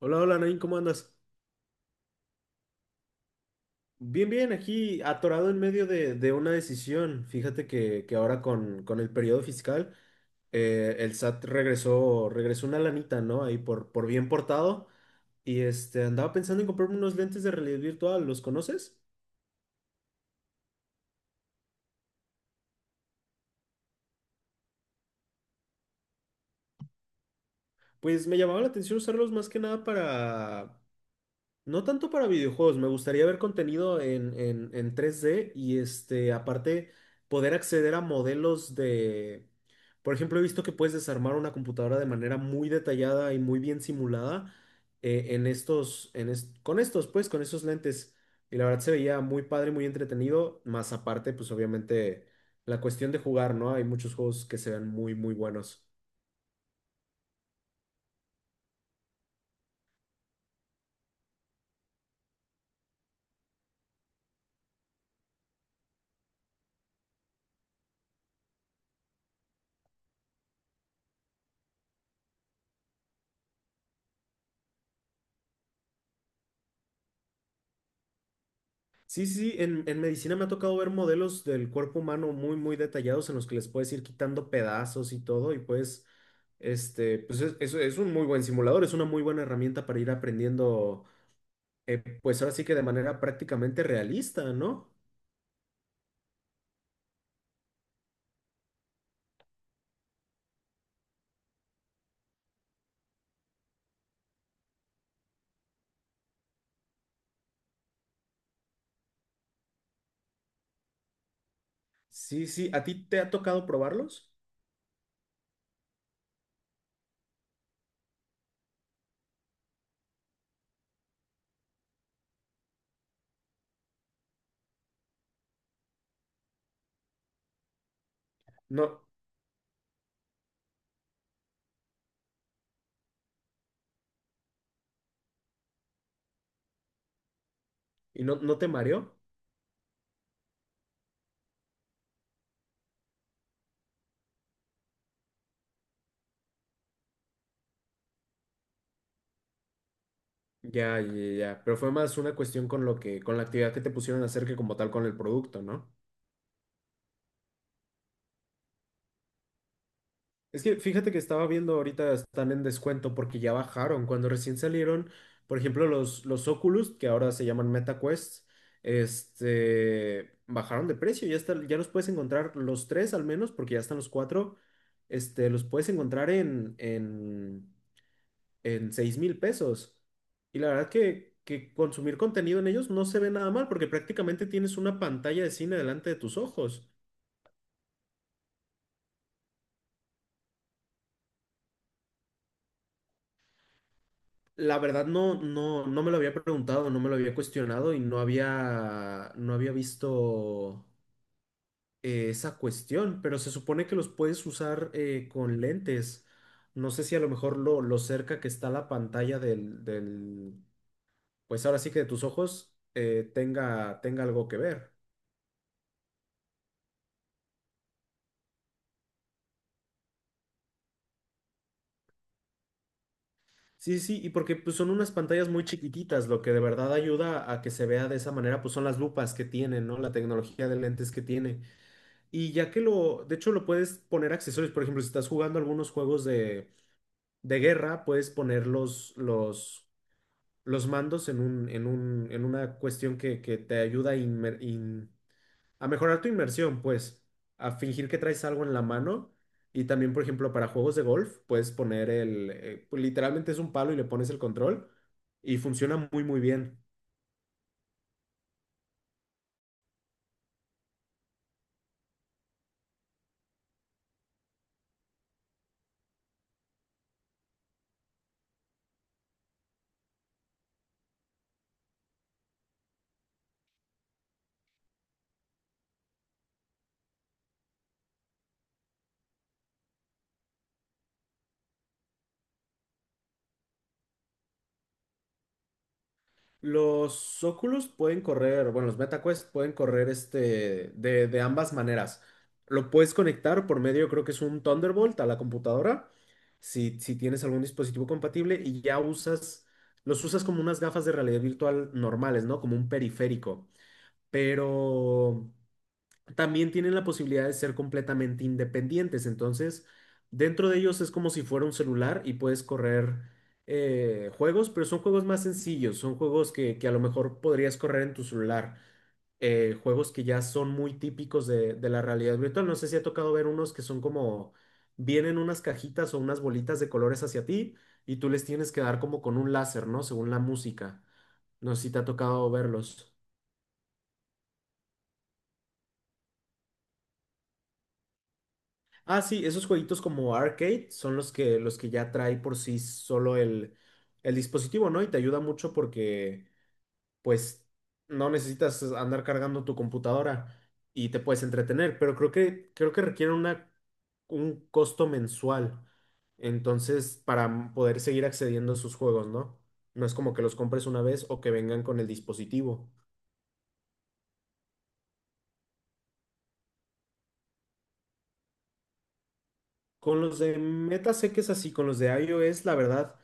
Hola, hola, Nain, ¿cómo andas? Bien, bien, aquí atorado en medio de una decisión. Fíjate que ahora con el periodo fiscal, el SAT regresó, regresó una lanita, ¿no? Ahí por bien portado. Y este, andaba pensando en comprarme unos lentes de realidad virtual, ¿los conoces? Pues me llamaba la atención usarlos más que nada para, no tanto para videojuegos, me gustaría ver contenido en 3D y este, aparte poder acceder a modelos de, por ejemplo, he visto que puedes desarmar una computadora de manera muy detallada y muy bien simulada en estos, con estos, pues, con esos lentes. Y la verdad se veía muy padre, muy entretenido, más aparte, pues obviamente la cuestión de jugar, ¿no? Hay muchos juegos que se ven muy, muy buenos. Sí, sí, sí, en medicina me ha tocado ver modelos del cuerpo humano muy, muy detallados en los que les puedes ir quitando pedazos y todo, y pues, este, pues es un muy buen simulador, es una muy buena herramienta para ir aprendiendo, pues ahora sí que de manera prácticamente realista, ¿no? Sí, sí, ¿a ti te ha tocado probarlos? No, y no, no te mareó. Ya, ya, ya, pero fue más una cuestión con lo que, con la actividad que te pusieron a hacer que como tal con el producto, ¿no? Es que fíjate que estaba viendo ahorita están en descuento porque ya bajaron. Cuando recién salieron, por ejemplo, los Oculus, que ahora se llaman Meta Quest, este, bajaron de precio. Ya está, ya los puedes encontrar los tres al menos, porque ya están los cuatro. Este, los puedes encontrar en 6000 pesos. Y la verdad que consumir contenido en ellos no se ve nada mal, porque prácticamente tienes una pantalla de cine delante de tus ojos. La verdad no, no, no me lo había preguntado, no me lo había cuestionado y no había, no había visto esa cuestión, pero se supone que los puedes usar con lentes. No sé si a lo mejor lo cerca que está la pantalla del pues ahora sí que de tus ojos tenga, tenga algo que ver. Sí, sí, y porque pues, son unas pantallas muy chiquititas, lo que de verdad ayuda a que se vea de esa manera, pues son las lupas que tienen, ¿no? La tecnología de lentes que tiene. Y ya que lo, de hecho lo puedes poner accesorios, por ejemplo, si estás jugando algunos juegos de guerra, puedes poner los mandos en un, en una cuestión que te ayuda a, a mejorar tu inmersión, pues, a fingir que traes algo en la mano. Y también, por ejemplo, para juegos de golf, puedes poner el, pues, literalmente es un palo y le pones el control y funciona muy, muy bien. Los Oculus pueden correr, bueno, los MetaQuest pueden correr este de ambas maneras. Lo puedes conectar por medio, creo que es un Thunderbolt a la computadora, si tienes algún dispositivo compatible y ya usas, los usas como unas gafas de realidad virtual normales, ¿no? Como un periférico. Pero también tienen la posibilidad de ser completamente independientes. Entonces, dentro de ellos es como si fuera un celular y puedes correr juegos, pero son juegos más sencillos, son juegos que a lo mejor podrías correr en tu celular. Juegos que ya son muy típicos de la realidad virtual. No sé si ha tocado ver unos que son como, vienen unas cajitas o unas bolitas de colores hacia ti y tú les tienes que dar como con un láser, ¿no? Según la música. No sé si te ha tocado verlos. Ah, sí, esos jueguitos como arcade son los que ya trae por sí solo el dispositivo, ¿no? Y te ayuda mucho porque, pues, no necesitas andar cargando tu computadora y te puedes entretener, pero creo que requiere una, un costo mensual. Entonces, para poder seguir accediendo a sus juegos, ¿no? No es como que los compres una vez o que vengan con el dispositivo. Con los de Meta sé que es así, con los de iOS, la verdad.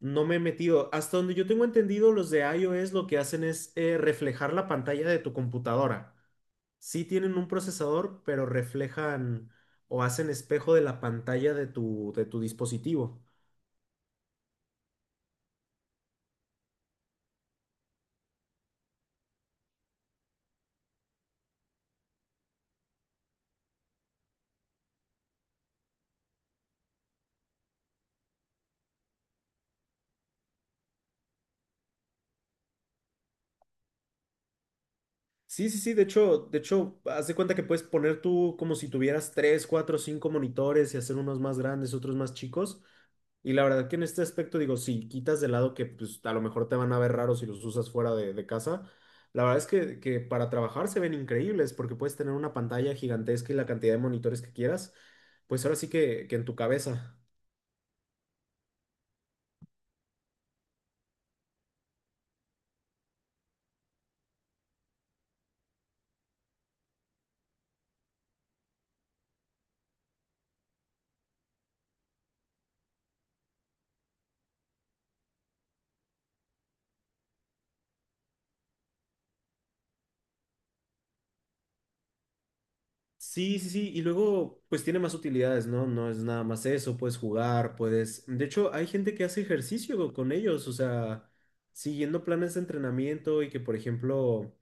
No me he metido. Hasta donde yo tengo entendido, los de iOS lo que hacen es reflejar la pantalla de tu computadora. Sí tienen un procesador, pero reflejan o hacen espejo de la pantalla de tu dispositivo. Sí, sí, sí, de hecho, haz de cuenta que puedes poner tú como si tuvieras tres, cuatro, cinco monitores y hacer unos más grandes, otros más chicos. Y la verdad que en este aspecto digo, si quitas de lado que pues a lo mejor te van a ver raros si los usas fuera de casa, la verdad es que para trabajar se ven increíbles porque puedes tener una pantalla gigantesca y la cantidad de monitores que quieras, pues ahora sí que en tu cabeza. Sí, sí, sí, y luego pues tiene más utilidades, ¿no? No es nada más eso, puedes jugar, puedes... De hecho, hay gente que hace ejercicio con ellos, o sea, siguiendo planes de entrenamiento y que, por ejemplo,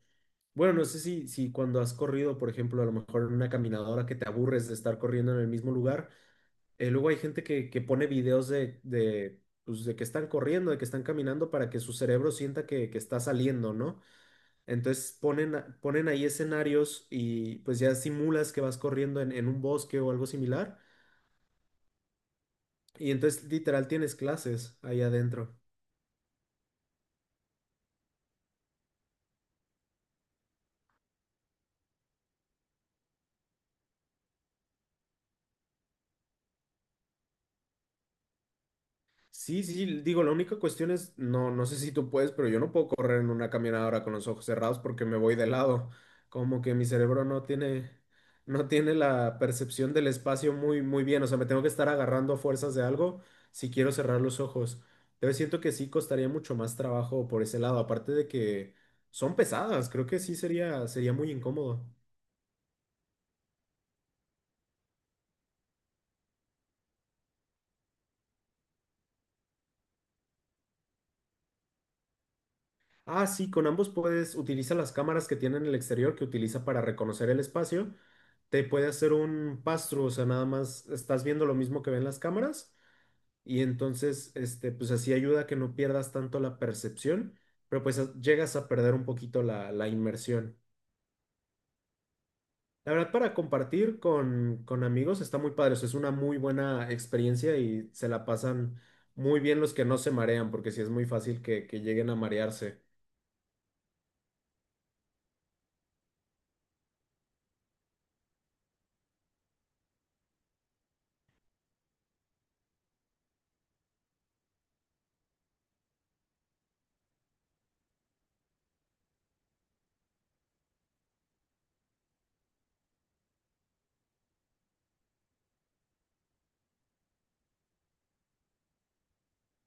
bueno, no sé si cuando has corrido, por ejemplo, a lo mejor en una caminadora que te aburres de estar corriendo en el mismo lugar, luego hay gente que pone videos pues, de que están corriendo, de que están caminando para que su cerebro sienta que está saliendo, ¿no? Entonces ponen ahí escenarios y pues ya simulas que vas corriendo en un bosque o algo similar. Y entonces literal tienes clases ahí adentro. Sí, sí, sí, digo, la única cuestión es, no, no sé si tú puedes, pero yo no puedo correr en una caminadora con los ojos cerrados porque me voy de lado. Como que mi cerebro no tiene, no tiene la percepción del espacio muy, muy bien. O sea, me tengo que estar agarrando a fuerzas de algo si quiero cerrar los ojos. Entonces siento que sí costaría mucho más trabajo por ese lado, aparte de que son pesadas, creo que sí sería, sería muy incómodo. Ah, sí, con ambos puedes utiliza las cámaras que tienen en el exterior que utiliza para reconocer el espacio. Te puede hacer un pass-through, o sea, nada más estás viendo lo mismo que ven las cámaras y entonces, este, pues así ayuda a que no pierdas tanto la percepción, pero pues llegas a perder un poquito la inmersión. La verdad, para compartir con amigos está muy padre, o sea, es una muy buena experiencia y se la pasan muy bien los que no se marean, porque sí es muy fácil que lleguen a marearse.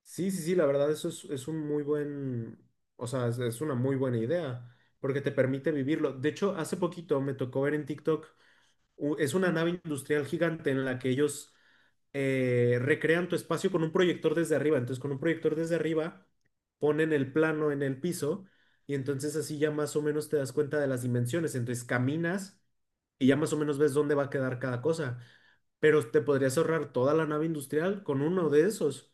Sí, sí, sí, la verdad, eso es un muy buen, o sea, es una muy buena idea, porque te permite vivirlo. De hecho, hace poquito me tocó ver en TikTok, es una nave industrial gigante en la que ellos recrean tu espacio con un proyector desde arriba. Entonces, con un proyector desde arriba, ponen el plano en el piso y entonces así ya más o menos te das cuenta de las dimensiones. Entonces, caminas y ya más o menos ves dónde va a quedar cada cosa, pero te podrías ahorrar toda la nave industrial con uno de esos.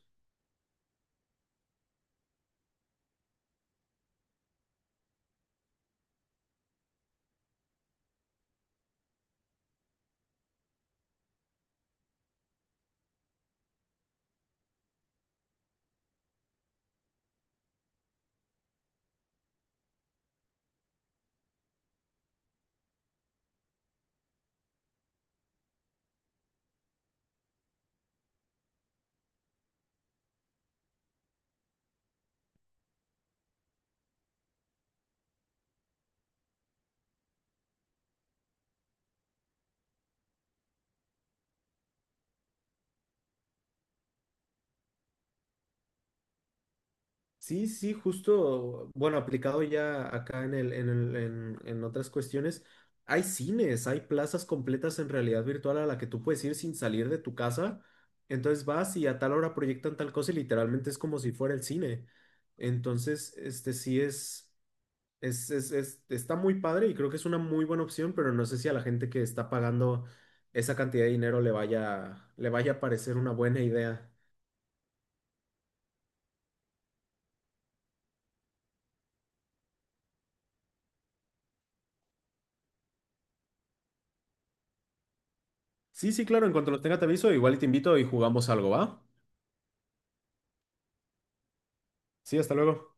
Sí, sí, justo, bueno, aplicado ya acá en otras cuestiones, hay cines, hay plazas completas en realidad virtual a la que tú puedes ir sin salir de tu casa. Entonces vas y a tal hora proyectan tal cosa y literalmente es como si fuera el cine. Entonces, este sí está muy padre y creo que es una muy buena opción, pero no sé si a la gente que está pagando esa cantidad de dinero le vaya a parecer una buena idea. Sí, sí, claro, en cuanto los tenga te aviso, igual y te invito y jugamos algo, ¿va? Sí, hasta luego.